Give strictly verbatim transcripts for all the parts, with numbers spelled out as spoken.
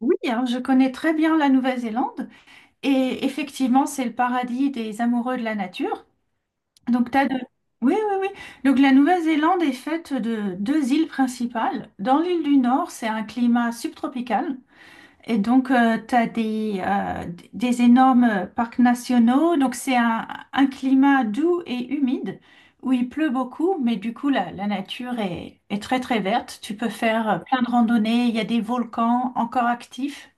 Oui, hein, je connais très bien la Nouvelle-Zélande et effectivement, c'est le paradis des amoureux de la nature. Donc, t'as de... Oui, oui, oui. Donc, la Nouvelle-Zélande est faite de deux îles principales. Dans l'île du Nord, c'est un climat subtropical. Et donc, tu as des, euh, des énormes parcs nationaux. Donc, c'est un, un climat doux et humide où il pleut beaucoup, mais du coup, la, la nature est, est très, très verte. Tu peux faire euh, plein de randonnées. Il y a des volcans encore actifs.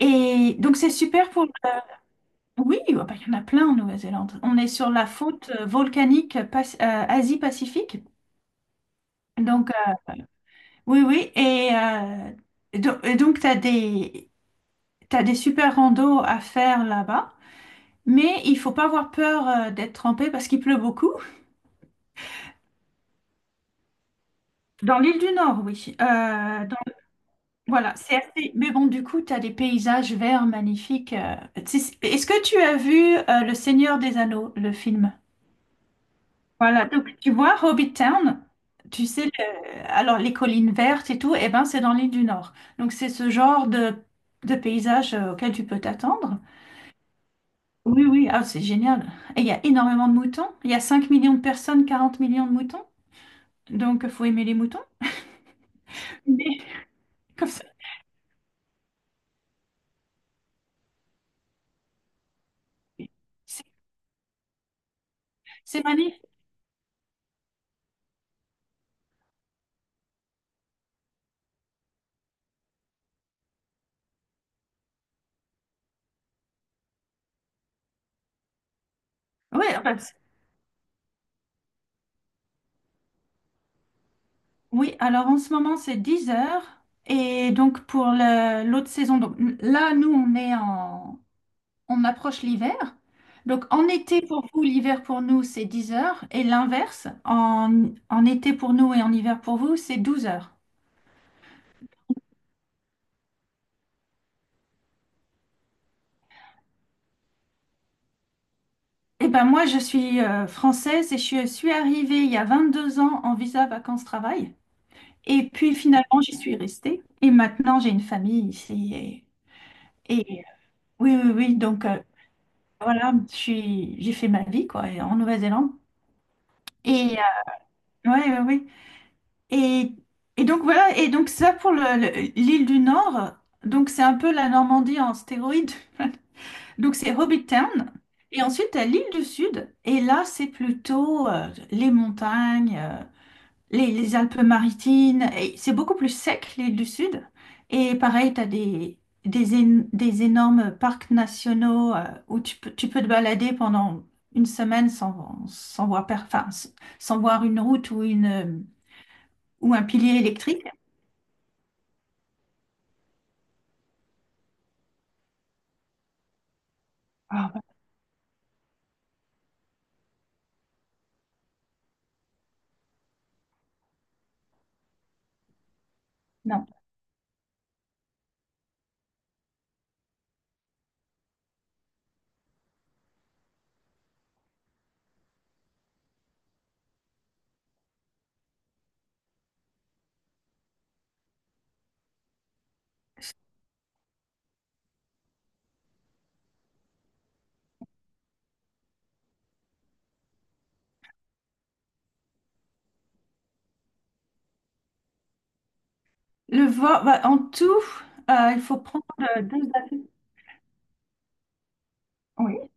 Et donc c'est super pour... Oui, ah bah, il y en a plein en Nouvelle-Zélande. On est sur la faute euh, volcanique Pas- euh, Asie-Pacifique. Donc euh, oui, oui. Et, euh, do- et donc tu as des, t'as des super randos à faire là-bas. Mais il faut pas avoir peur euh, d'être trempé parce qu'il pleut beaucoup. Dans l'île du Nord, oui. Euh, dans- Voilà, c'est assez... Mais bon, du coup, tu as des paysages verts magnifiques. euh. C'est- Est-ce que tu as vu euh, Le Seigneur des Anneaux, le film? Voilà, donc tu vois, Hobbit Town, tu sais, le- alors les collines vertes et tout, eh ben c'est dans l'île du Nord. Donc c'est ce genre de, de paysage euh, auquel tu peux t'attendre. Oui, oui, ah, c'est génial. Et il y a énormément de moutons. Il y a cinq millions de personnes, quarante millions de moutons. Donc faut aimer les moutons. Mais comme ça, c'est c'est magnifique. Oui, enfin, c'est- oui, alors en ce moment c'est dix heures. Et donc pour le- l'autre saison, donc là nous on est on approche l'hiver. Donc en été pour vous, l'hiver pour nous, c'est dix heures. Et l'inverse, en, en été pour nous et en hiver pour vous, c'est douze heures. Eh ben moi, je suis euh, française et je suis arrivée il y a vingt deux ans en visa vacances-travail. Et puis finalement, j'y suis restée. Et maintenant, j'ai une famille ici. Et, et- oui, oui, oui. Donc euh, voilà, je suis, j'ai fait ma vie quoi, en Nouvelle-Zélande. Et oui, oui, oui. Et, et donc voilà, et donc ça pour le- le- l'île du Nord, donc c'est un peu la Normandie en stéroïde. Donc c'est Hobbit Town. Et ensuite, t'as l'île du Sud, et là, c'est plutôt euh, les montagnes, euh, les, les Alpes-Maritimes, et c'est beaucoup plus sec, l'île du Sud. Et pareil, t'as des, des, éno- des énormes parcs nationaux euh, où tu peux, tu peux te balader pendant une semaine sans, sans voir, per- enfin, s- sans voir une route ou, une, euh, ou un pilier électrique. Non. Le vol, bah, en tout, euh, il faut prendre euh, deux avions. Oui.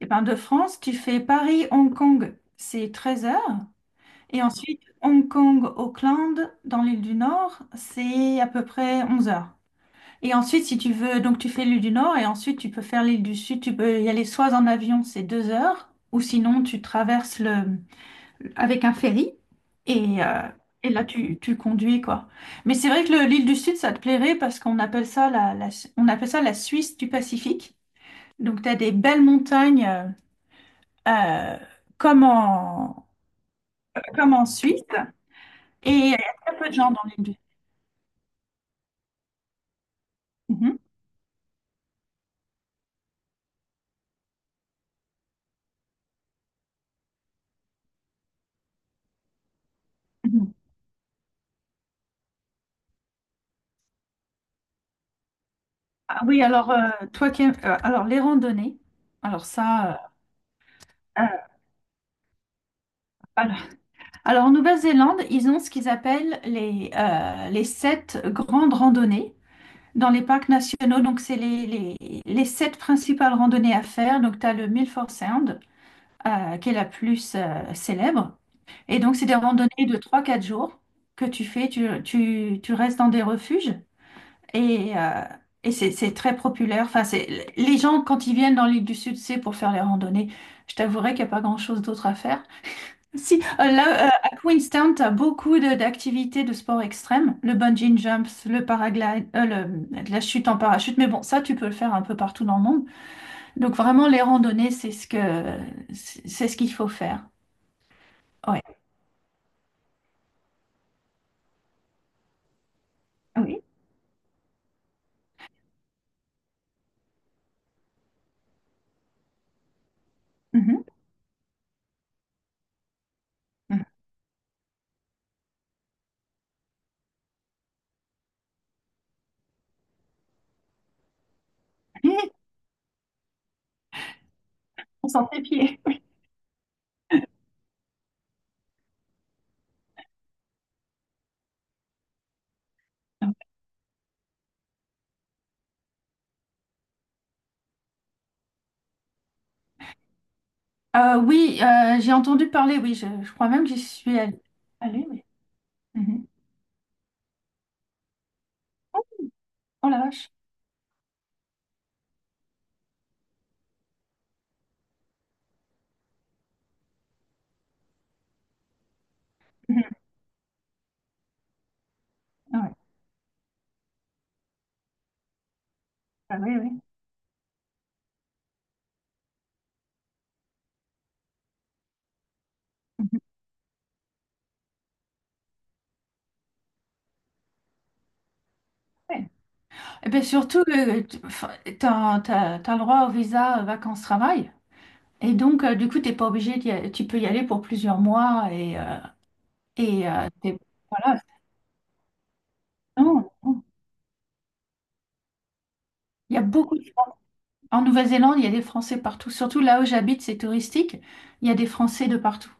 Et ben, de France, tu fais Paris-Hong Kong, c'est treize heures. Et ensuite, Hong Kong-Auckland, dans l'île du Nord, c'est à peu près onze heures. Et ensuite, si tu veux, donc tu fais l'île du Nord et ensuite tu peux faire l'île du Sud. Tu peux y aller soit en avion, c'est deux heures, ou sinon tu traverses le, avec un ferry et, euh, et là tu, tu conduis quoi. Mais c'est vrai que le- l'île du Sud ça te plairait parce qu'on appelle ça la, la- on appelle ça la Suisse du Pacifique. Donc tu as des belles montagnes euh, euh, comme en, comme en Suisse et il y a très peu de gens dans l'île du Sud. Mhm, mhm. Ah oui, alors euh, toi qui aimes- euh, alors les randonnées, alors ça euh, euh, alors, alors, en Nouvelle-Zélande, ils ont ce qu'ils appellent les, euh, les sept grandes randonnées. Dans les parcs nationaux, donc c'est les, les- les sept principales randonnées à faire. Donc tu as le Milford Sound, euh, qui est la plus euh, célèbre. Et donc c'est des randonnées de trois quatre jours que tu fais. Tu, tu- tu restes dans des refuges et, euh, et c'est c'est très populaire. Enfin, c'est, les gens, quand ils viennent dans l'île du Sud, c'est pour faire les randonnées. Je t'avouerai qu'il n'y a pas grand-chose d'autre à faire. Si, euh, là, euh, à Queenstown, tu as beaucoup de- d'activités de sport extrême, le bungee jumps, le paraglide, euh, le- la chute en parachute, mais bon, ça, tu peux le faire un peu partout dans le monde. Donc, vraiment, les randonnées, c'est ce que, c'est c'est ce qu'il faut faire. Ouais. Ah oui. Mhm. Mhm. On sent les pieds. Euh, oui, euh, j'ai entendu parler, oui, je, je crois même que j'y suis allée. Allée, oui. Mhm. Oh la vache. Mhm. Ah ouais. Ah oui, oui. Mhm. Ouais. Eh bien, surtout, euh, tu as le droit au visa euh, vacances-travail. Et donc, euh, du coup, t'es pas obligé d'y aller. Tu peux y aller pour plusieurs mois. Et, euh, et euh, t'es- voilà, non, non. Il y a beaucoup de... En Nouvelle-Zélande, il y a des Français partout. Surtout là où j'habite, c'est touristique. Il y a des Français de partout.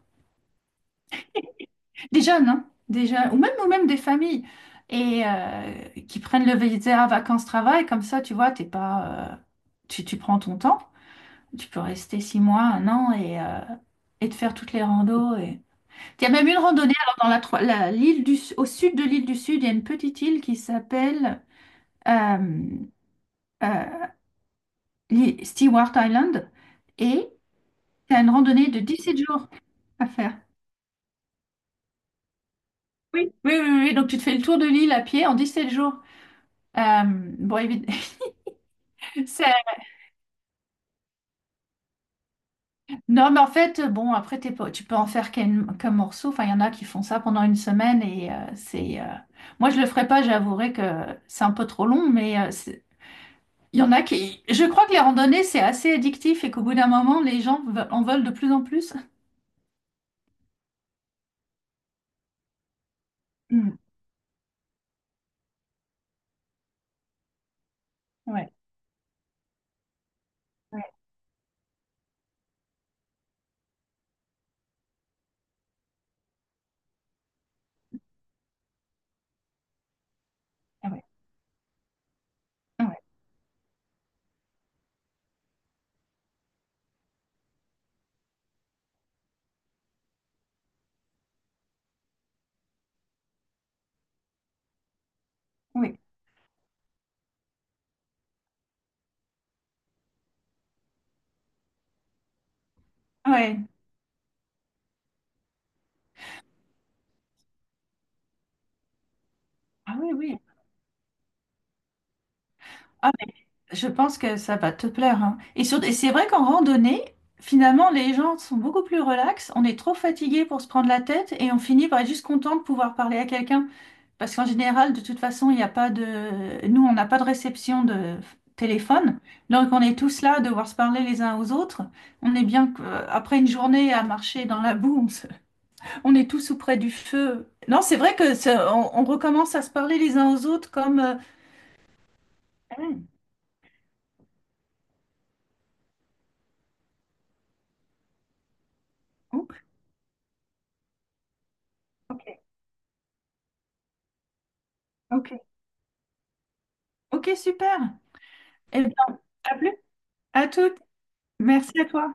Des jeunes, hein, des jeunes, ou même, ou même des familles. Et euh, qui prennent le visa vacances-travail. Comme ça, tu vois, t'es pas, euh, tu, tu prends ton temps. Tu peux rester six mois, un an et, euh, et te faire toutes les randos. Et... Il y a même une randonnée alors, dans la, Tro- la- l'île du, au sud de l'île du Sud, il y a une petite île qui s'appelle euh, euh, l'île Stewart Island et tu as une randonnée de dix-sept jours à faire. Oui, oui, oui, oui. Donc tu te fais le tour de l'île à pied en dix-sept jours. Euh, bon, évidemment, Non, mais en fait, euh, bon, après, t'es pas- tu peux en faire qu'un qu'un morceau. Enfin, il y en a qui font ça pendant une semaine et euh, c'est. euh, Moi, je le ferais pas, j'avouerai que c'est un peu trop long, mais euh, c'est- il y en a qui. Je crois que les randonnées, c'est assez addictif et qu'au bout d'un moment, les gens ve- en veulent de plus en plus. Mm. Ouais, ouais, ah ouais, ah ouais, oui, ouais. Ah oui, oui. Ah, mais je pense que ça va te plaire, hein. Et, sur- et c'est vrai qu'en randonnée, finalement, les gens sont beaucoup plus relax. On est trop fatigué pour se prendre la tête et on finit par être juste content de pouvoir parler à quelqu'un. Parce qu'en général, de toute façon, il n'y a pas de... Nous, on n'a pas de réception de téléphone. Donc, on est tous là à devoir se parler les uns aux autres. On est bien que- euh, après une journée à marcher dans la boue, on, se- on est tous auprès du feu. Non, c'est vrai que ça- on, on recommence à se parler les uns aux autres comme... euh, Ah, oh, OK, ok, ok, super. Eh bien, à plus. À toutes. Merci à toi.